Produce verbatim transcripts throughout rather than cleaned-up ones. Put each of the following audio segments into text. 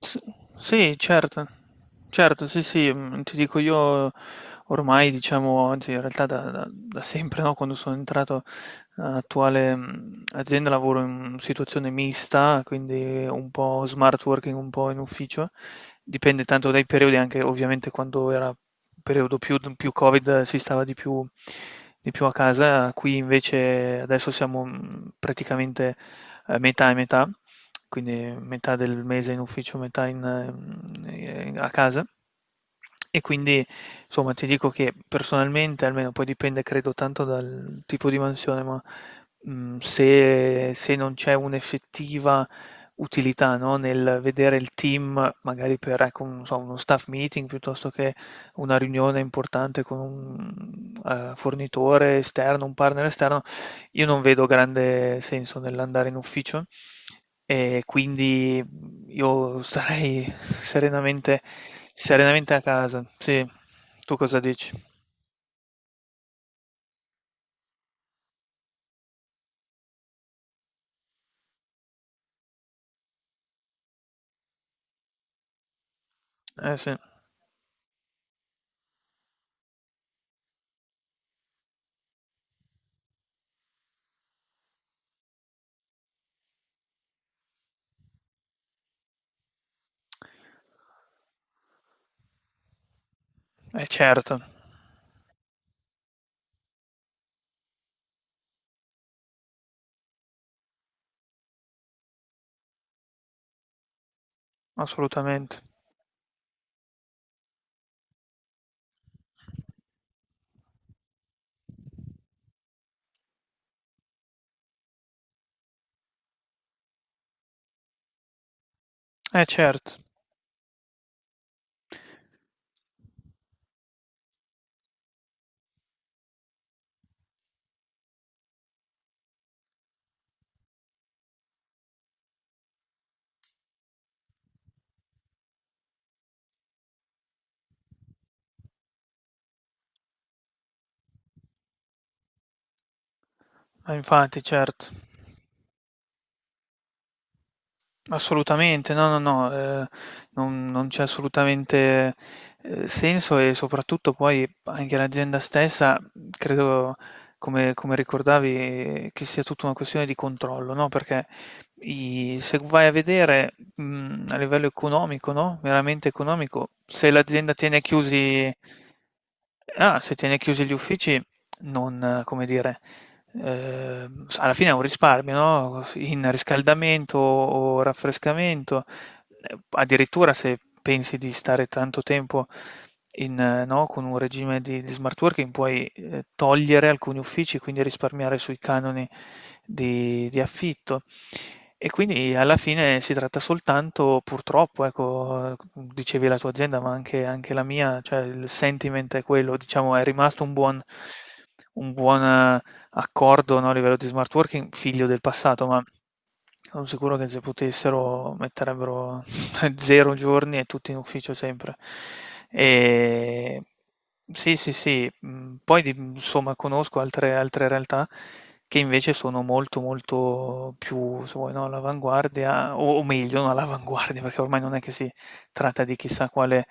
S- Sì, certo, certo, sì, sì, mm, ti dico io ormai, diciamo, anzi, in realtà da, da- da sempre, no, quando sono entrato nell'attuale mm, azienda, lavoro in situazione mista, quindi un po' smart working, un po' in ufficio. Dipende tanto dai periodi, anche ovviamente quando era periodo più, più Covid, eh, si stava di più, di più a casa. Qui invece adesso siamo mm, praticamente eh, metà e metà, quindi metà del mese in ufficio, metà in, mhmm, ehm, a casa. E quindi, insomma, ti dico che personalmente, almeno, poi dipende, credo, tanto dal tipo di mansione, ma mhmm, se se non c'è un'effettiva utilità, no, nel vedere il team, magari per, ecco, un- non so, uno staff meeting piuttosto che una riunione importante con un, uhm, fornitore esterno, un partner esterno, io non vedo grande senso nell'andare in ufficio, e quindi io starei serenamente, serenamente a casa. Sì, tu cosa dici? Eh sì. Eh certo, assolutamente. Eh certo, eh infatti, certo. Assolutamente, no, no, no, ehm, non non c'è assolutamente, ehm, senso. E soprattutto poi anche l'azienda stessa, mhmm, credo, come come ricordavi, che sia tutta una questione di controllo, no, perché i se vai a vedere, mhmm, a livello economico, no, veramente economico, se l'azienda tiene chiusi... Ah, se tiene chiusi gli uffici, non, eh, come dire, ehm, alla fine è un risparmio, no? In riscaldamento o raffrescamento, eh, addirittura, se pensi di stare tanto tempo in, eh, no, con un regime di, di smart working, puoi eh, togliere alcuni uffici, quindi risparmiare sui canoni di, di affitto. E quindi alla fine si tratta soltanto, purtroppo, ecco, dicevi la tua azienda, ma anche, anche, la mia, cioè il sentiment è quello, diciamo, è rimasto un buon, un buon eh, accordo, no, a livello di smart working, figlio del passato, ma sono sicuro che se potessero metterebbero zero giorni e tutti in ufficio sempre. E sì, sì, sì. mh, Poi di- insomma conosco altre, altre realtà che invece sono molto molto più, se vuoi, no, all'avanguardia, o, o meglio, non all'avanguardia, perché ormai non è che si tratta di chissà quale,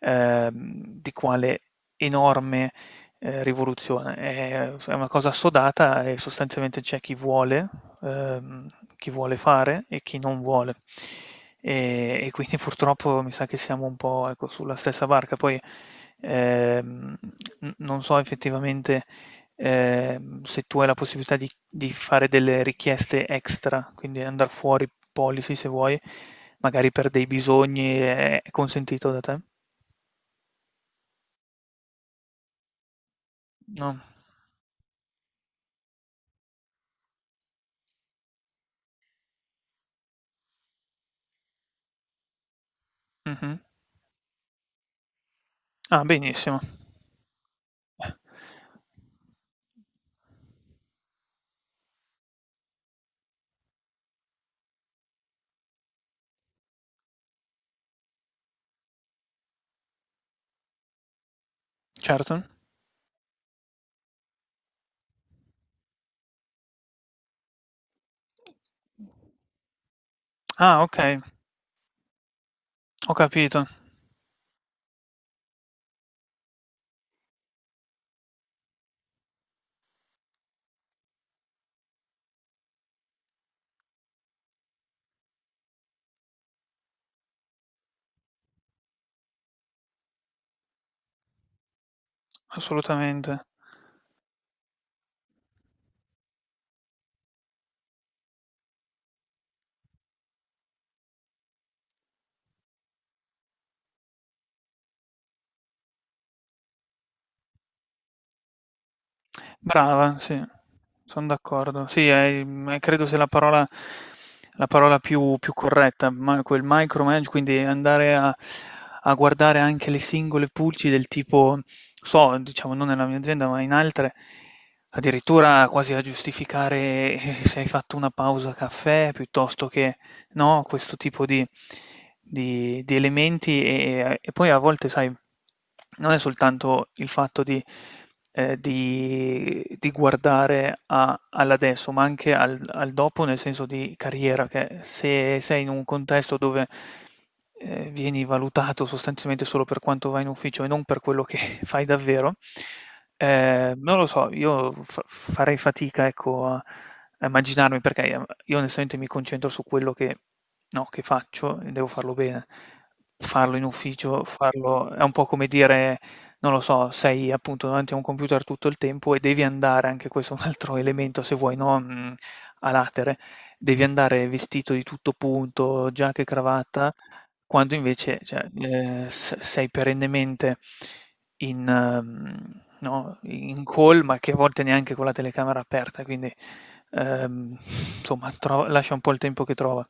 ehm, di quale enorme eh, rivoluzione. È, è una cosa assodata e sostanzialmente c'è chi vuole, ehm, chi vuole fare e chi non vuole. E, e quindi purtroppo mi sa che siamo un po', ecco, sulla stessa barca. Poi ehm, n- non so effettivamente ehm, se tu hai la possibilità di, di fare delle richieste extra, quindi andare fuori policy, se vuoi, magari per dei bisogni: è consentito da te? No? Mhm. Ah, benissimo, certo. Ah, okay, ho capito, assolutamente. Brava, sì, son d'accordo. Sì, è mhmm, è credo sia la parola la parola più più corretta, ma quel micromanage, quindi andare a a guardare anche le singole pulci, del tipo, so, diciamo, non nella mia azienda, ma in altre, addirittura quasi a giustificare, eh, se hai fatto una pausa caffè piuttosto che no, questo tipo di, di- di elementi. E, e poi a volte, sai, non è soltanto il fatto di, eh, di- di guardare a- all'adesso, ma anche al, al dopo, nel senso di carriera, che se sei in un contesto dove eh, vieni valutato sostanzialmente solo per quanto vai in ufficio e non per quello che fai davvero, eh, non lo so, io fa- farei fatica, ecco, a a immaginarmi, perché ehm, io, onestamente, mi concentro su quello che, no, che faccio, e devo farlo bene. Farlo in ufficio, farlo è un po' come dire, non lo so, sei appunto davanti a un computer tutto il tempo, e devi andare... Anche questo è un altro elemento, se vuoi, no, mhmm, a latere: devi andare vestito di tutto punto, giacca e cravatta, quando invece, cioè, ehm, s sei perennemente in mhmm, no, in call, ma che a volte neanche con la telecamera aperta, quindi, ehm, insomma, tro lascia un po' il tempo che trova.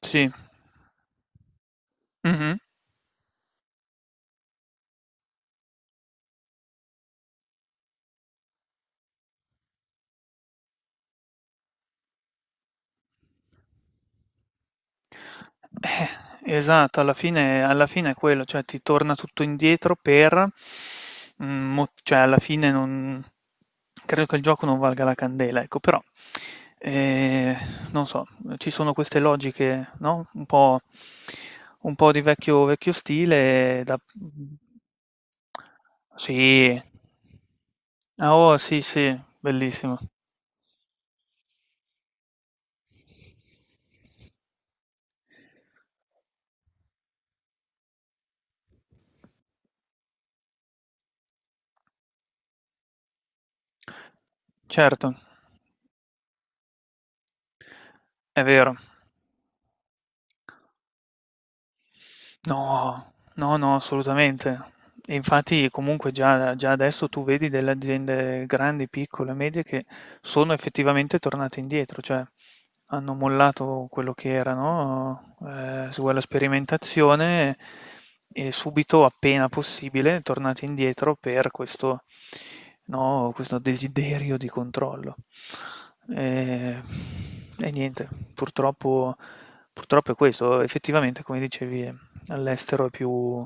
Sì, mh-mh. Esatto, alla fine alla fine è quello, cioè ti torna tutto indietro, per mhmm, mo cioè, alla fine, non credo che il gioco non valga la candela, ecco. Però, ehm, non so, ci sono queste logiche, no, un po' un po' di vecchio vecchio stile, da mhmm Sì. Ah, oh, sì, sì, bellissimo. Certo, è vero. No, no, no, assolutamente. E infatti comunque già, già adesso tu vedi delle aziende grandi, piccole, medie, che sono effettivamente tornate indietro, cioè hanno mollato quello che era, no? Eh, se vuoi, la sperimentazione, e subito, appena possibile, tornate indietro per questo, no, questo desiderio di controllo. E, e niente, purtroppo, purtroppo è questo, effettivamente, come dicevi, è, all'estero è più,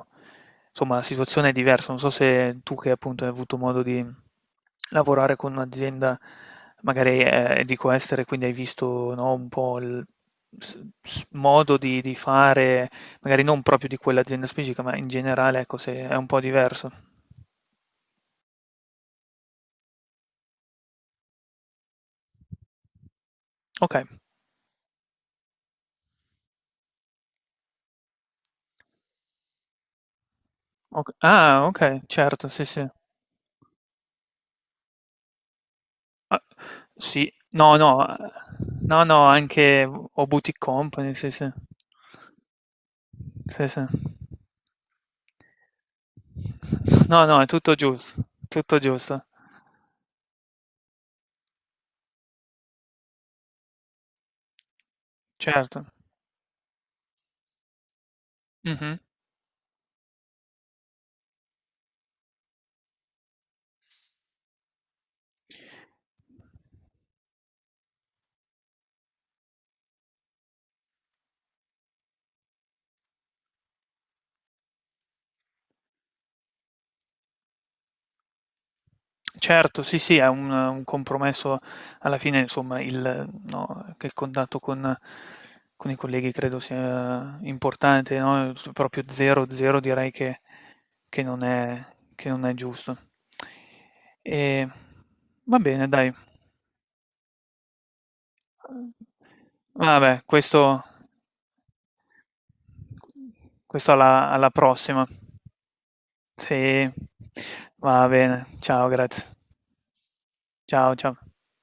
insomma, la situazione è diversa. Non so se tu, che appunto hai avuto modo di lavorare con un'azienda, magari, eh, dico, estere, quindi hai visto, no, un po' il s- s- modo di, di fare, magari non proprio di quell'azienda specifica, ma in generale, ecco, se è un po' diverso. Ok, ok. Ah, ok, certo, sì, sì. Ah, sì, no, no, no, no, anche o boutique company, sì, sì. Sì, sì. No, no, è tutto giusto, tutto giusto. Certo. Mh-mh. Certo, sì, sì, è un un compromesso alla fine, insomma. Il No, che il contatto con con i colleghi credo sia importante, no, s proprio zero, zero, direi che che non è, che non è giusto. Ehm, Va bene, dai. Vabbè, questo Questo alla, alla prossima. Sì, va bene. Ciao, grazie. Ciao, ciao.